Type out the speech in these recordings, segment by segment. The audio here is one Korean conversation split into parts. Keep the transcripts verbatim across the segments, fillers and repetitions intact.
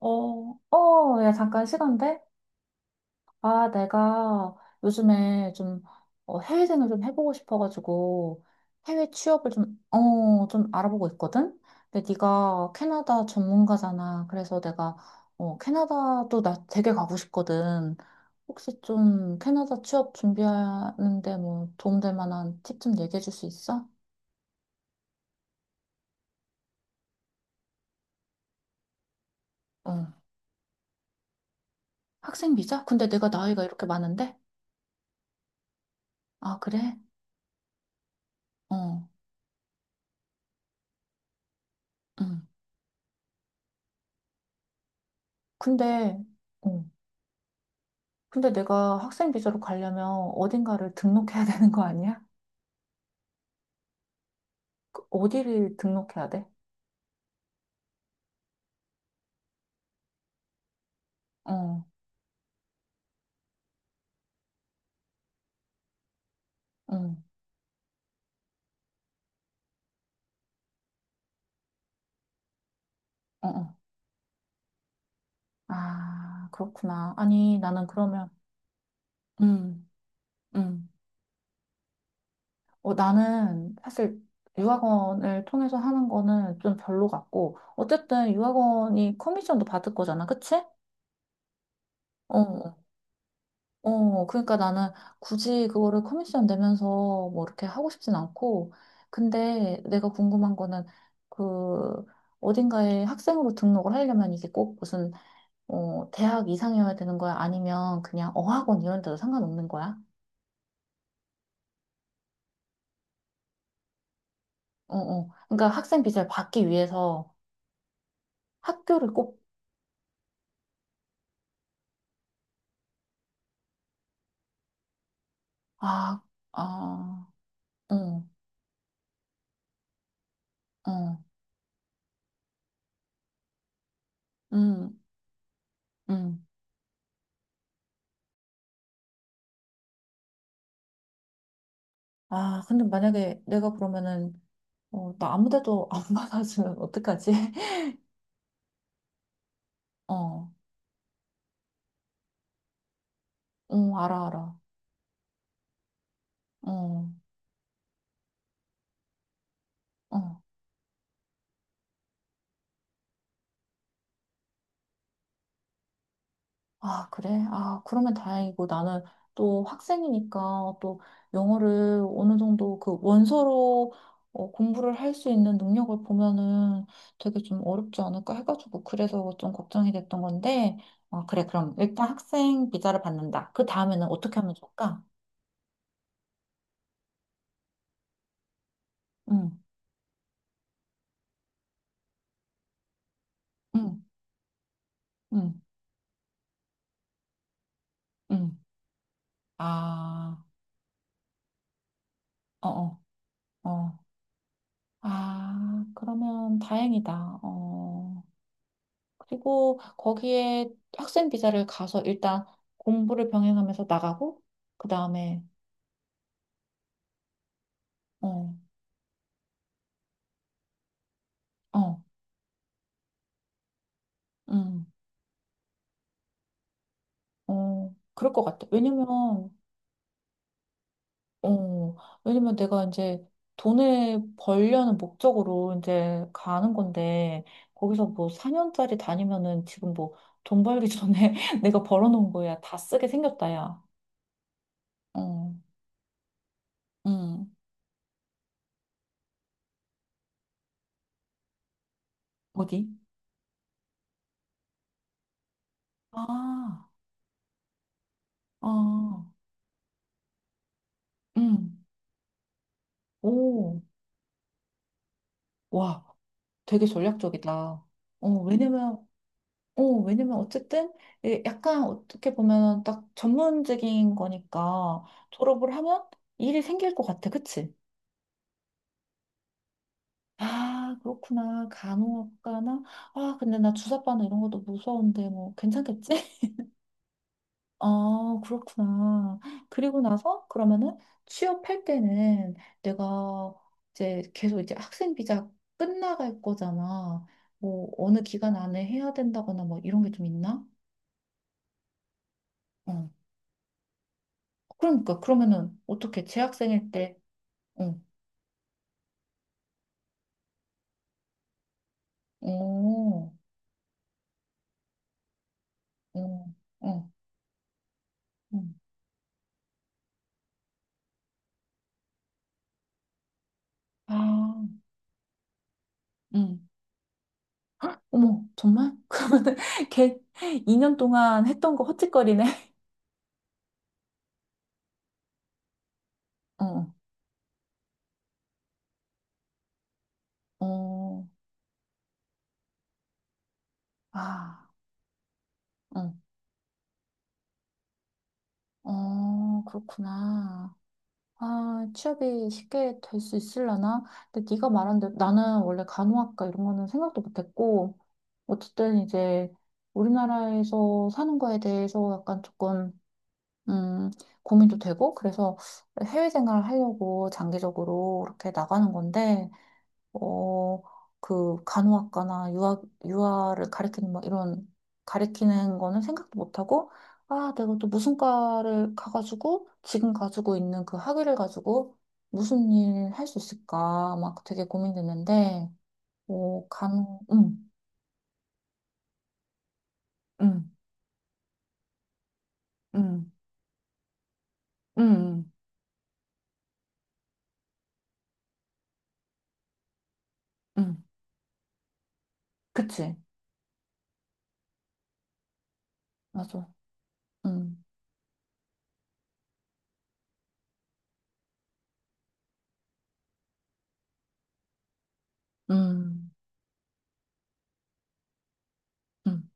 어, 어, 야, 잠깐 시간 돼? 아, 내가 요즘에 좀 어, 해외생을 좀 해보고 싶어가지고 해외 취업을 좀, 어, 좀 알아보고 있거든? 근데 네가 캐나다 전문가잖아. 그래서 내가 어, 캐나다도 나 되게 가고 싶거든. 혹시 좀 캐나다 취업 준비하는데 뭐 도움될 만한 팁 좀 얘기해 줄 수 있어? 어. 학생 비자? 근데 내가 나이가 이렇게 많은데? 아, 그래? 어. 응. 근데 어. 근데 내가 학생 비자로 가려면 어딘가를 등록해야 되는 거 아니야? 그 어디를 등록해야 돼? 어, 응, 어, 어. 아, 그렇구나. 아니, 나는 그러면, 음, 음. 어, 나는 사실 유학원을 통해서 하는 거는 좀 별로 같고, 어쨌든 유학원이 커미션도 받을 거잖아, 그치? 어, 어. 어, 그러니까 나는 굳이 그거를 커미션 내면서 뭐 이렇게 하고 싶진 않고, 근데 내가 궁금한 거는 그 어딘가에 학생으로 등록을 하려면 이게 꼭 무슨 어, 대학 이상이어야 되는 거야? 아니면 그냥 어학원 이런 데도 상관없는 거야? 어, 어. 그러니까 학생 비자를 받기 위해서 학교를 꼭, 아, 아, 어, 어, 음, 음. 아, 근데 만약에 내가 그러면은, 어, 나 아무 데도 안 받아주면 어떡하지? 어. 어, 알아, 알아. 어, 어. 아, 그래? 아, 그러면 다행이고 나는 또 학생이니까 또 영어를 어느 정도 그 원서로 어, 공부를 할 수 있는 능력을 보면은 되게 좀 어렵지 않을까 해가지고 그래서 좀 걱정이 됐던 건데, 어, 그래, 그럼 일단 학생 비자를 받는다. 그 다음에는 어떻게 하면 좋을까? 응, 응, 응, 응. 아, 어, 어, 어. 아, 그러면 다행이다. 어. 그리고 거기에 학생 비자를 가서 일단 공부를 병행하면서 나가고, 그 다음에, 어, 어, 음, 어, 그럴 것 같아. 왜냐면, 어, 왜냐면 내가 이제 돈을 벌려는 목적으로 이제 가는 건데, 거기서 뭐 사 년짜리 다니면은 지금 뭐 돈 벌기 전에 내가 벌어놓은 거야. 다 쓰게 생겼다, 야. 어, 음, 어디? 아, 아, 음, 오, 와. 되게 전략적이다. 어, 왜냐면, 어, 왜냐면 어쨌든 예, 약간 어떻게 보면 딱 전문직인 거니까 졸업을 하면 일이 생길 것 같아. 그치? 아, 그렇구나. 간호학과나? 아, 근데 나 주사바나 이런 것도 무서운데 뭐 괜찮겠지? 아, 그렇구나. 그리고 나서 그러면은 취업할 때는 내가 이제 계속 이제 학생 비자 끝나갈 거잖아. 뭐 어느 기간 안에 해야 된다거나 뭐 이런 게 좀 있나? 어, 그러니까 그러면은 어떻게 재학생일 때, 어, 어, 어, 어, 음. 아, 음, 어머, 정말? 그러면은 걔 이 년 동안 했던 거 헛짓거리네. 어, 어, 아, 어, 어, 그렇구나. 아, 취업이 쉽게 될 수 있으려나? 근데 네가 말한 대로 나는 원래 간호학과 이런 거는 생각도 못했고, 어쨌든 이제 우리나라에서 사는 거에 대해서 약간 조금 음, 고민도 되고, 그래서 해외 생활을 하려고 장기적으로 이렇게 나가는 건데, 어, 그 간호학과나 유아, 유아를 가르키는 뭐 이런, 가르키는 거는 생각도 못하고, 아, 내가 또 무슨 과를 가가지고, 지금 가지고 있는 그 학위를 가지고 무슨 일 할 수 있을까, 막 되게 고민됐는데, 어, 간호, 음, 음, 음, 음, 음, 음. 그치, 맞아, 음, 음, 음.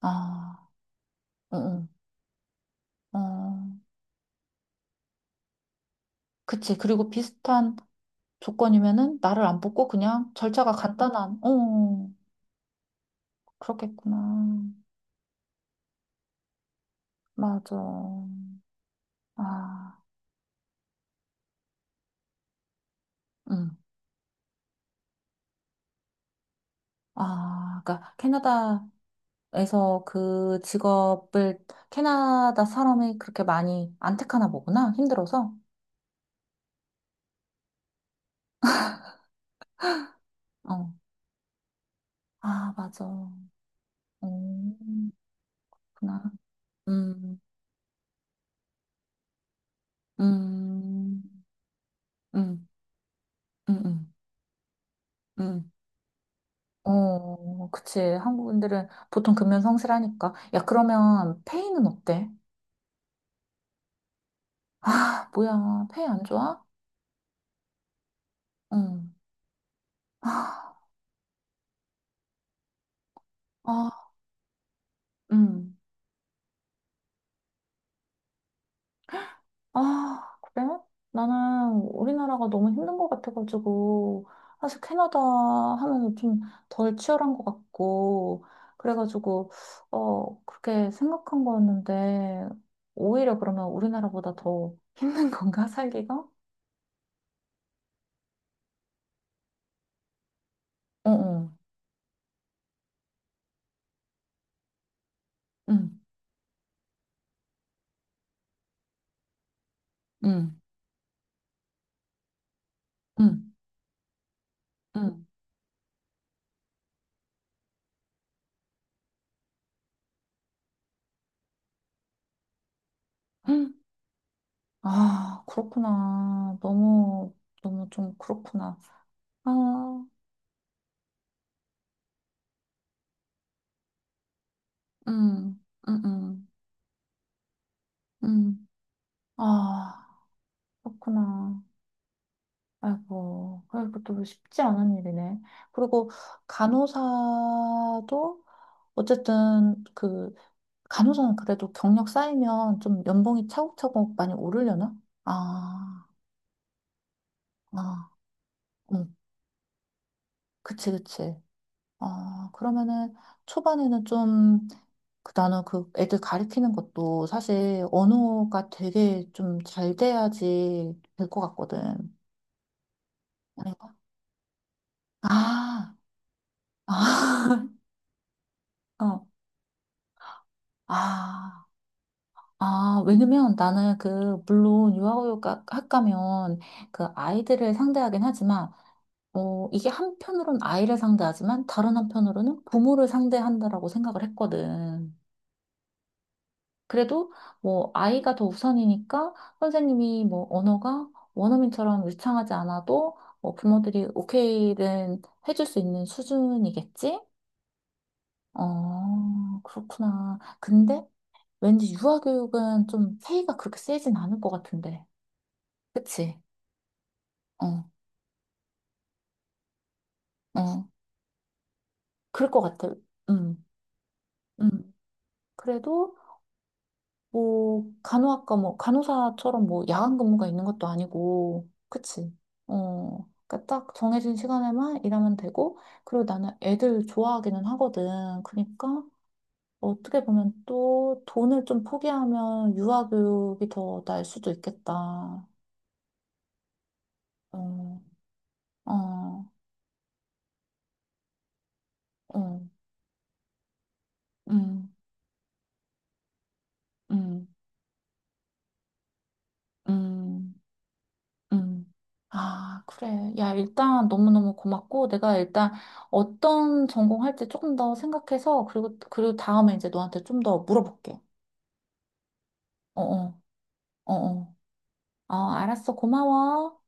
아. 응, 응. 어, 그치. 그리고 비슷한 조건이면은 나를 안 뽑고 그냥 절차가 간단한, 어, 그렇겠구나. 맞아. 아, 응. 아, 그러니까 캐나다에서 그 직업을 캐나다 사람이 그렇게 많이 안 택하나 보구나. 힘들어서. 어. 아, 맞아. 음, 그렇구나. 음, 음, 음, 음, 음, 음. 어, 그치. 한국인들은 보통 금연 성실하니까. 야, 그러면 페이는 어때? 아, 뭐야. 페이 안 좋아? 응. 아, 음. 아, 그래? 나는 우리나라가 너무 힘든 것 같아가지고, 사실 캐나다 하면 좀 덜 치열한 것 같고, 그래가지고, 어, 그렇게 생각한 거였는데, 오히려 그러면 우리나라보다 더 힘든 건가, 살기가? 어, 어. 응, 응, 응, 응. 헉, 아, 그렇구나. 너무, 너무 좀 그렇구나. 아, 음, 음, 음, 음. 아, 그렇구나. 아이고, 아이고, 또 쉽지 않은 일이네. 그리고 간호사도 어쨌든 그, 간호사는 그래도 경력 쌓이면 좀 연봉이 차곡차곡 많이 오르려나? 아, 아, 음, 그치, 그치. 아, 그러면은 초반에는 좀, 그 나는 그 애들 가르치는 것도 사실 언어가 되게 좀 잘 돼야지 될 것 같거든. 아닌가? 아, 아, 어, 아, 아, 왜냐면 나는 그, 물론 유아교육 학과면 그 아이들을 상대하긴 하지만, 어, 이게 한편으로는 아이를 상대하지만 다른 한편으로는 부모를 상대한다라고 생각을 했거든. 그래도 뭐 아이가 더 우선이니까 선생님이 뭐 언어가 원어민처럼 유창하지 않아도 뭐 부모들이 오케이는 해줄 수 있는 수준이겠지? 어, 그렇구나. 근데 왠지 유아교육은 좀 페이가 그렇게 세진 않을 것 같은데. 그치? 어, 어. 그럴 것 같아. 음, 음. 그래도 뭐, 간호학과 뭐, 간호사처럼 뭐, 야간 근무가 있는 것도 아니고, 그치? 어, 그러니까 딱 정해진 시간에만 일하면 되고, 그리고 나는 애들 좋아하기는 하거든. 그러니까, 어떻게 보면 또 돈을 좀 포기하면 유아교육이 더 나을 수도 있겠다. 어, 어, 어, 음, 음, 음. 음. 음. 아, 그래. 야, 일단 너무너무 고맙고, 내가 일단 어떤 전공할지 조금 더 생각해서, 그리고, 그리고 다음에 이제 너한테 좀 더 물어볼게. 어어, 어어. 어, 어. 아, 알았어. 고마워.